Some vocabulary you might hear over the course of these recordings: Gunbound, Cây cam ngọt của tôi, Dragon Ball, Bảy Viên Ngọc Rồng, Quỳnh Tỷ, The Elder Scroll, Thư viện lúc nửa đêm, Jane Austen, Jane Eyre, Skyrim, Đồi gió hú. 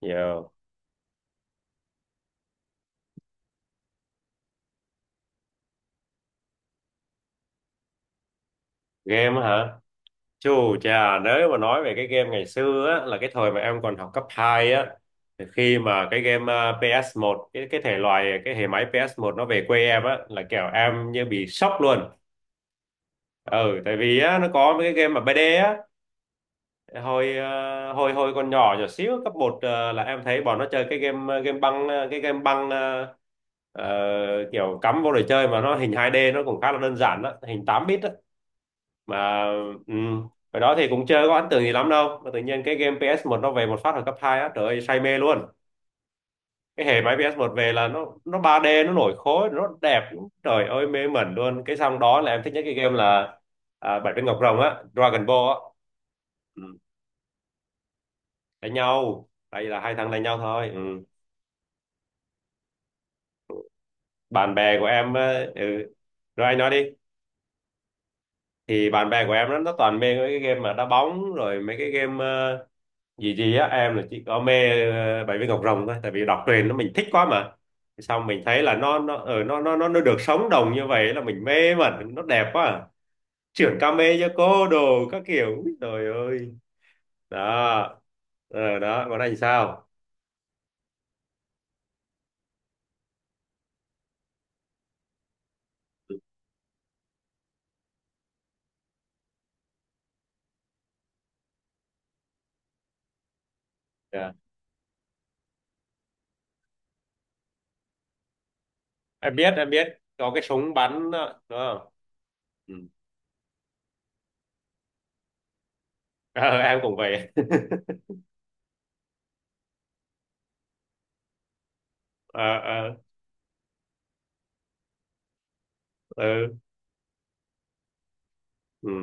Giờ game á hả? Chù chà, nếu mà nói về cái game ngày xưa á, là cái thời mà em còn học cấp 2 á, thì khi mà cái game ps một cái thể loại, cái hệ máy ps một nó về quê em á, là kiểu em như bị sốc luôn. Ừ, tại vì á, nó có mấy cái game mà 3D á, hồi à, hồi hồi còn nhỏ nhỏ xíu cấp một là em thấy bọn nó chơi cái game à, game băng à, cái game băng ờ, kiểu cắm vô để chơi mà nó hình 2D nó cũng khá là đơn giản đó, hình 8 bit đó mà ừ. Hồi đó thì cũng chưa có ấn tượng gì lắm đâu mà tự nhiên cái game ps một nó về một phát ở cấp 2 á, trời ơi say mê luôn. Cái hệ máy ps một về là nó 3D, nó nổi khối, nó đẹp, trời ơi mê mẩn luôn. Cái xong đó là em thích nhất cái game là Bảy Viên Ngọc Rồng á, Dragon Ball á. Ừ. Đánh nhau, tại vì là hai thằng đánh nhau thôi. Ừ. Bạn bè của em ừ. Rồi anh nói đi. Thì bạn bè của em nó toàn mê mấy cái game mà đá bóng, rồi mấy cái game vì gì á, em là chỉ có mê bảy viên ngọc rồng thôi, tại vì đọc truyền nó mình thích quá mà. Thì xong mình thấy là nó ở nó được sống đồng như vậy là mình mê mẩn, nó đẹp quá à. Chuyển came cho cô đồ các kiểu, úi, trời ơi, đó. Đó còn anh sao. Dạ. Em biết, em biết. Có cái súng bắn đó, đúng không. Ừ. Ờ, em cũng vậy. Ờ, ờ, ờ, ừ,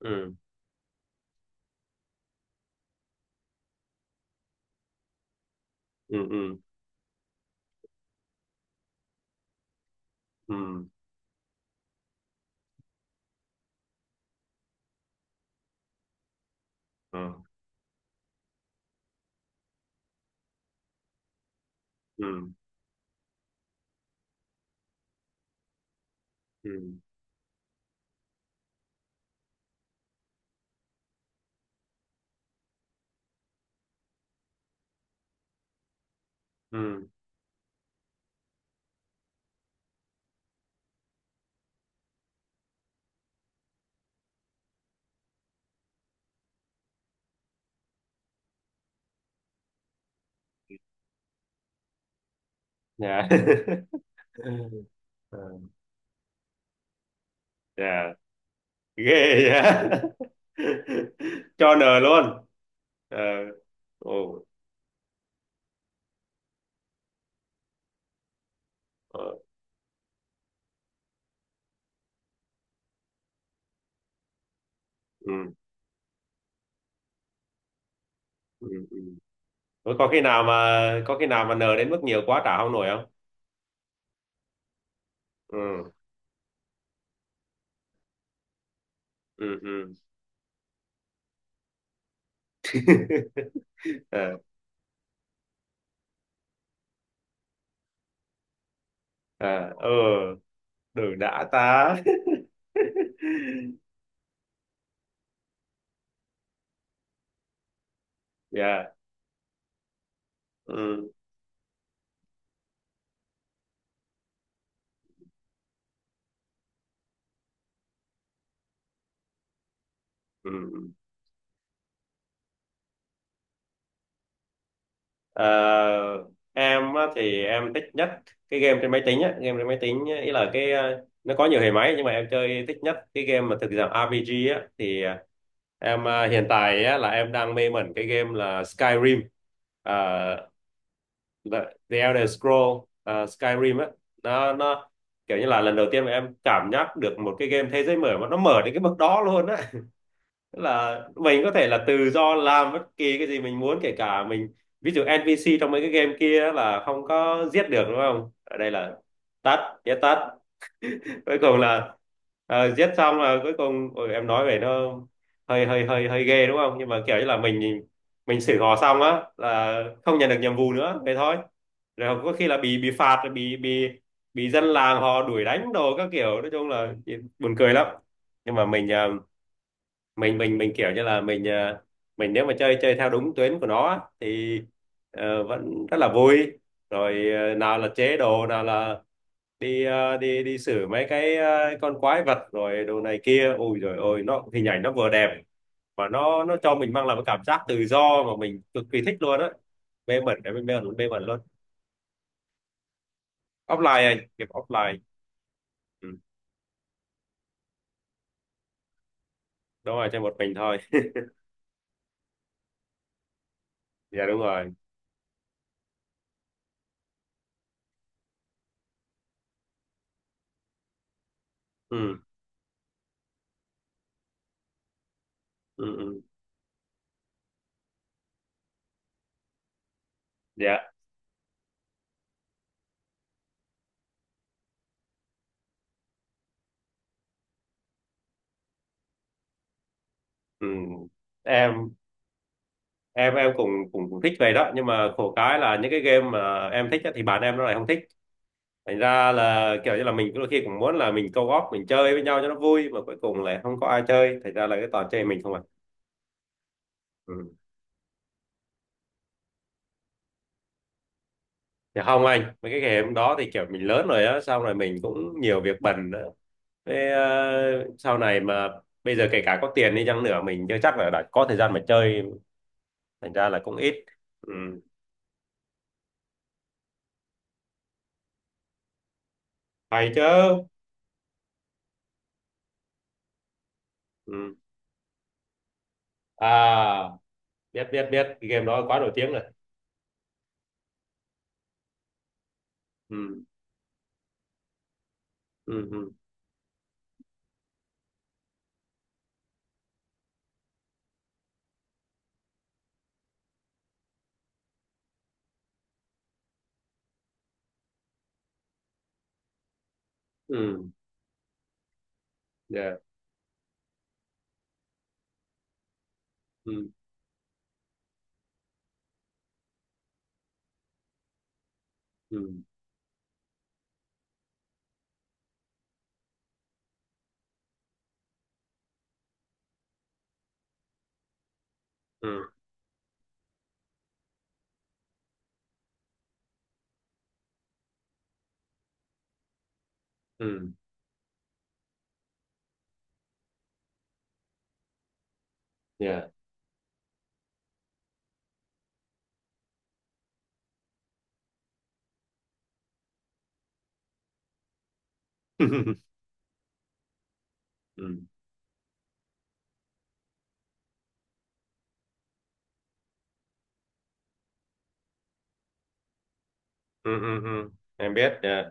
ừ, ừ, ừ, ừ, ừ, ừ, ừ, ừ. Dạ. Dạ, ghê vậy. Cho nờ luôn. Ờ, ồ, ờ, ừ, ừ, ừ. Ủa, có khi nào mà nờ đến mức nhiều quá trả không nổi không. Ừ, ừ, ừ. À, à, ừ, đừng đã ta. Yeah, ừ, ừ. Ờ, em á thì em thích nhất cái game trên máy tính á, ý là cái nó có nhiều hệ máy nhưng mà em chơi thích nhất cái game mà thực dạng RPG á, thì hiện tại á, là em đang mê mẩn cái game là Skyrim. Ờ, The, The Elder Scroll Skyrim á, nó kiểu như là lần đầu tiên mà em cảm giác được một cái game thế giới mở mà nó mở đến cái mức đó luôn á. Tức là mình có thể là tự do làm bất kỳ cái gì mình muốn, kể cả mình, ví dụ NPC trong mấy cái game kia á là không có giết được đúng không, ở đây là tắt giết tắt. Cuối cùng là giết xong là cuối cùng, ôi, em nói về nó hơi hơi hơi hơi ghê đúng không, nhưng mà kiểu như là mình xử họ xong á là không nhận được nhiệm vụ nữa vậy thôi. Rồi có khi là bị phạt, rồi bị dân làng họ đuổi đánh đồ các kiểu, nói chung là buồn cười lắm. Nhưng mà mình kiểu như là mình nếu mà chơi chơi theo đúng tuyến của nó á, thì vẫn rất là vui. Rồi nào là chế đồ, nào là đi xử mấy cái con quái vật rồi đồ này kia, ôi rồi ôi nó hình ảnh nó vừa đẹp, và nó cho mình mang lại một cảm giác tự do mà mình cực kỳ thích luôn á, mê mẩn đấy, mê mẩn luôn. Offline anh, game offline. Ừ. Đúng rồi, chơi một mình thôi. Dạ đúng rồi. Ừ, ừ, ừ. Dạ. Ừ. em em cũng cũng cũng thích về đó, nhưng mà khổ cái là những cái game mà em thích á, thì bạn em nó lại không thích. Thành ra là kiểu như là mình đôi khi cũng muốn là mình co-op mình chơi với nhau cho nó vui, mà cuối cùng lại không có ai chơi, thành ra là cái toàn chơi mình không à. Ừ. Thì không anh, mấy cái game đó thì kiểu mình lớn rồi á, sau này mình cũng nhiều việc bận nữa. Thế, sau này mà bây giờ kể cả có tiền đi chăng nữa mình chưa chắc là đã có thời gian mà chơi, thành ra là cũng ít. Ừ. Hay chứ. Ừ. À, biết biết biết, cái game đó quá nổi tiếng rồi. Ừ. Ừ, ừ, ừm, yeah, ừ, ừ, ừ, ừm, yeah. Ừ, ừ, ừ, ừm. Em biết, yeah.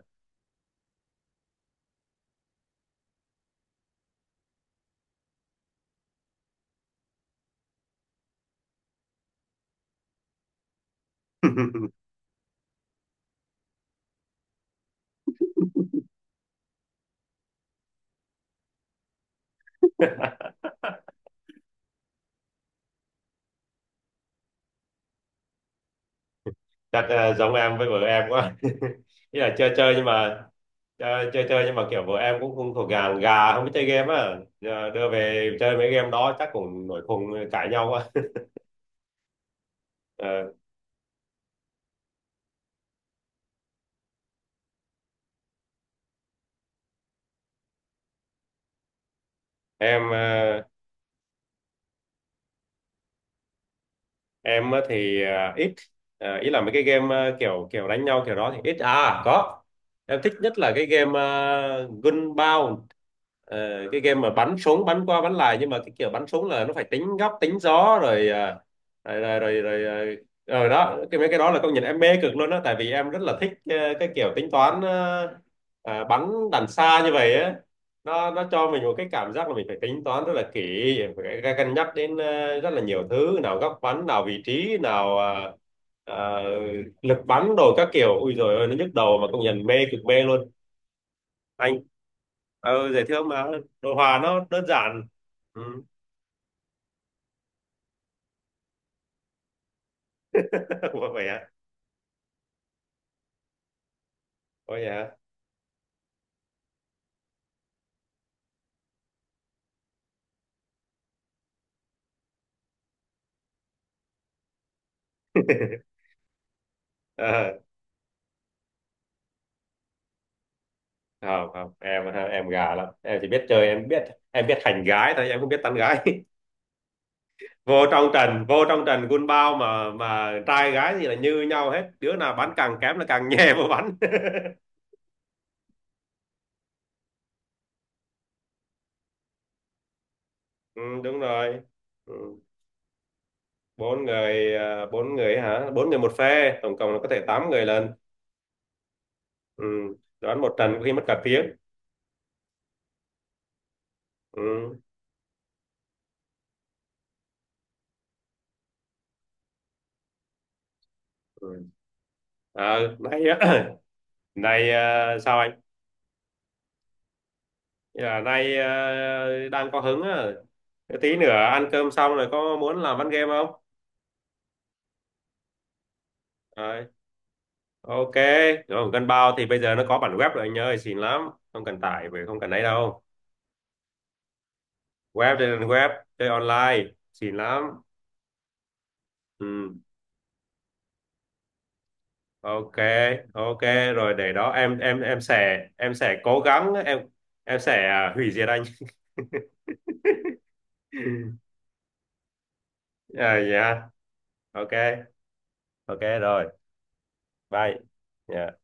Chắc giống em với vợ em quá. Ý là chơi chơi, nhưng mà chơi chơi chơi nhưng mà kiểu vợ em cũng không thuộc, gà gà không biết chơi game á. Giờ đưa về chơi mấy game đó chắc cũng nổi khùng, cãi nhau quá. Ờ, em ờ, em á thì ít, ý là mấy cái game kiểu kiểu đánh nhau kiểu đó thì ít có. Em thích nhất là cái game Gunbound. Ờ, cái game mà bắn súng bắn qua bắn lại, nhưng mà cái kiểu bắn súng là nó phải tính góc tính gió rồi rồi, rồi, rồi, rồi, rồi, rồi đó. Cái mấy cái đó là công nhận em mê cực luôn á, tại vì em rất là thích cái kiểu tính toán, bắn đằng xa như vậy á, nó cho mình một cái cảm giác là mình phải tính toán rất là kỹ, phải cân nhắc đến rất là nhiều thứ, nào góc bắn, nào vị trí, nào ờ, lực bắn đồ các kiểu, ui rồi ôi nó nhức đầu, mà công nhận mê cực mê luôn. Anh dễ thương mà, đồ họa nó đơn giản. Ừ. Vậy hả. Ôi hả. Ờ, không không, em gà lắm, em chỉ biết chơi, em biết hành gái thôi, em không biết tán gái. Vô trong trình quân bao, mà trai gái thì là như nhau hết, đứa nào bánh càng kém là càng nhè vào bánh. Ừ, đúng rồi. Ừ. bốn người à, bốn người hả Bốn người một phe, tổng cộng là có thể tám người lên. Ừ. Đoán một trận có khi mất cả tiếng. Ừ. Ừ. À, nay á, nay sao anh. Nay đang có hứng á. Tí nữa ăn cơm xong rồi có muốn làm ván game không. à, Ok, rồi gần bao thì bây giờ nó có bản web rồi anh ơi, xịn lắm. Không cần tải về, không cần ấy đâu. Web, trên web, chơi online, xịn lắm. Ừ, ok, ok, rồi để đó, em sẽ cố gắng, em sẽ hủy diệt anh. À, dạ, ok, ok rồi, bye. Dạ.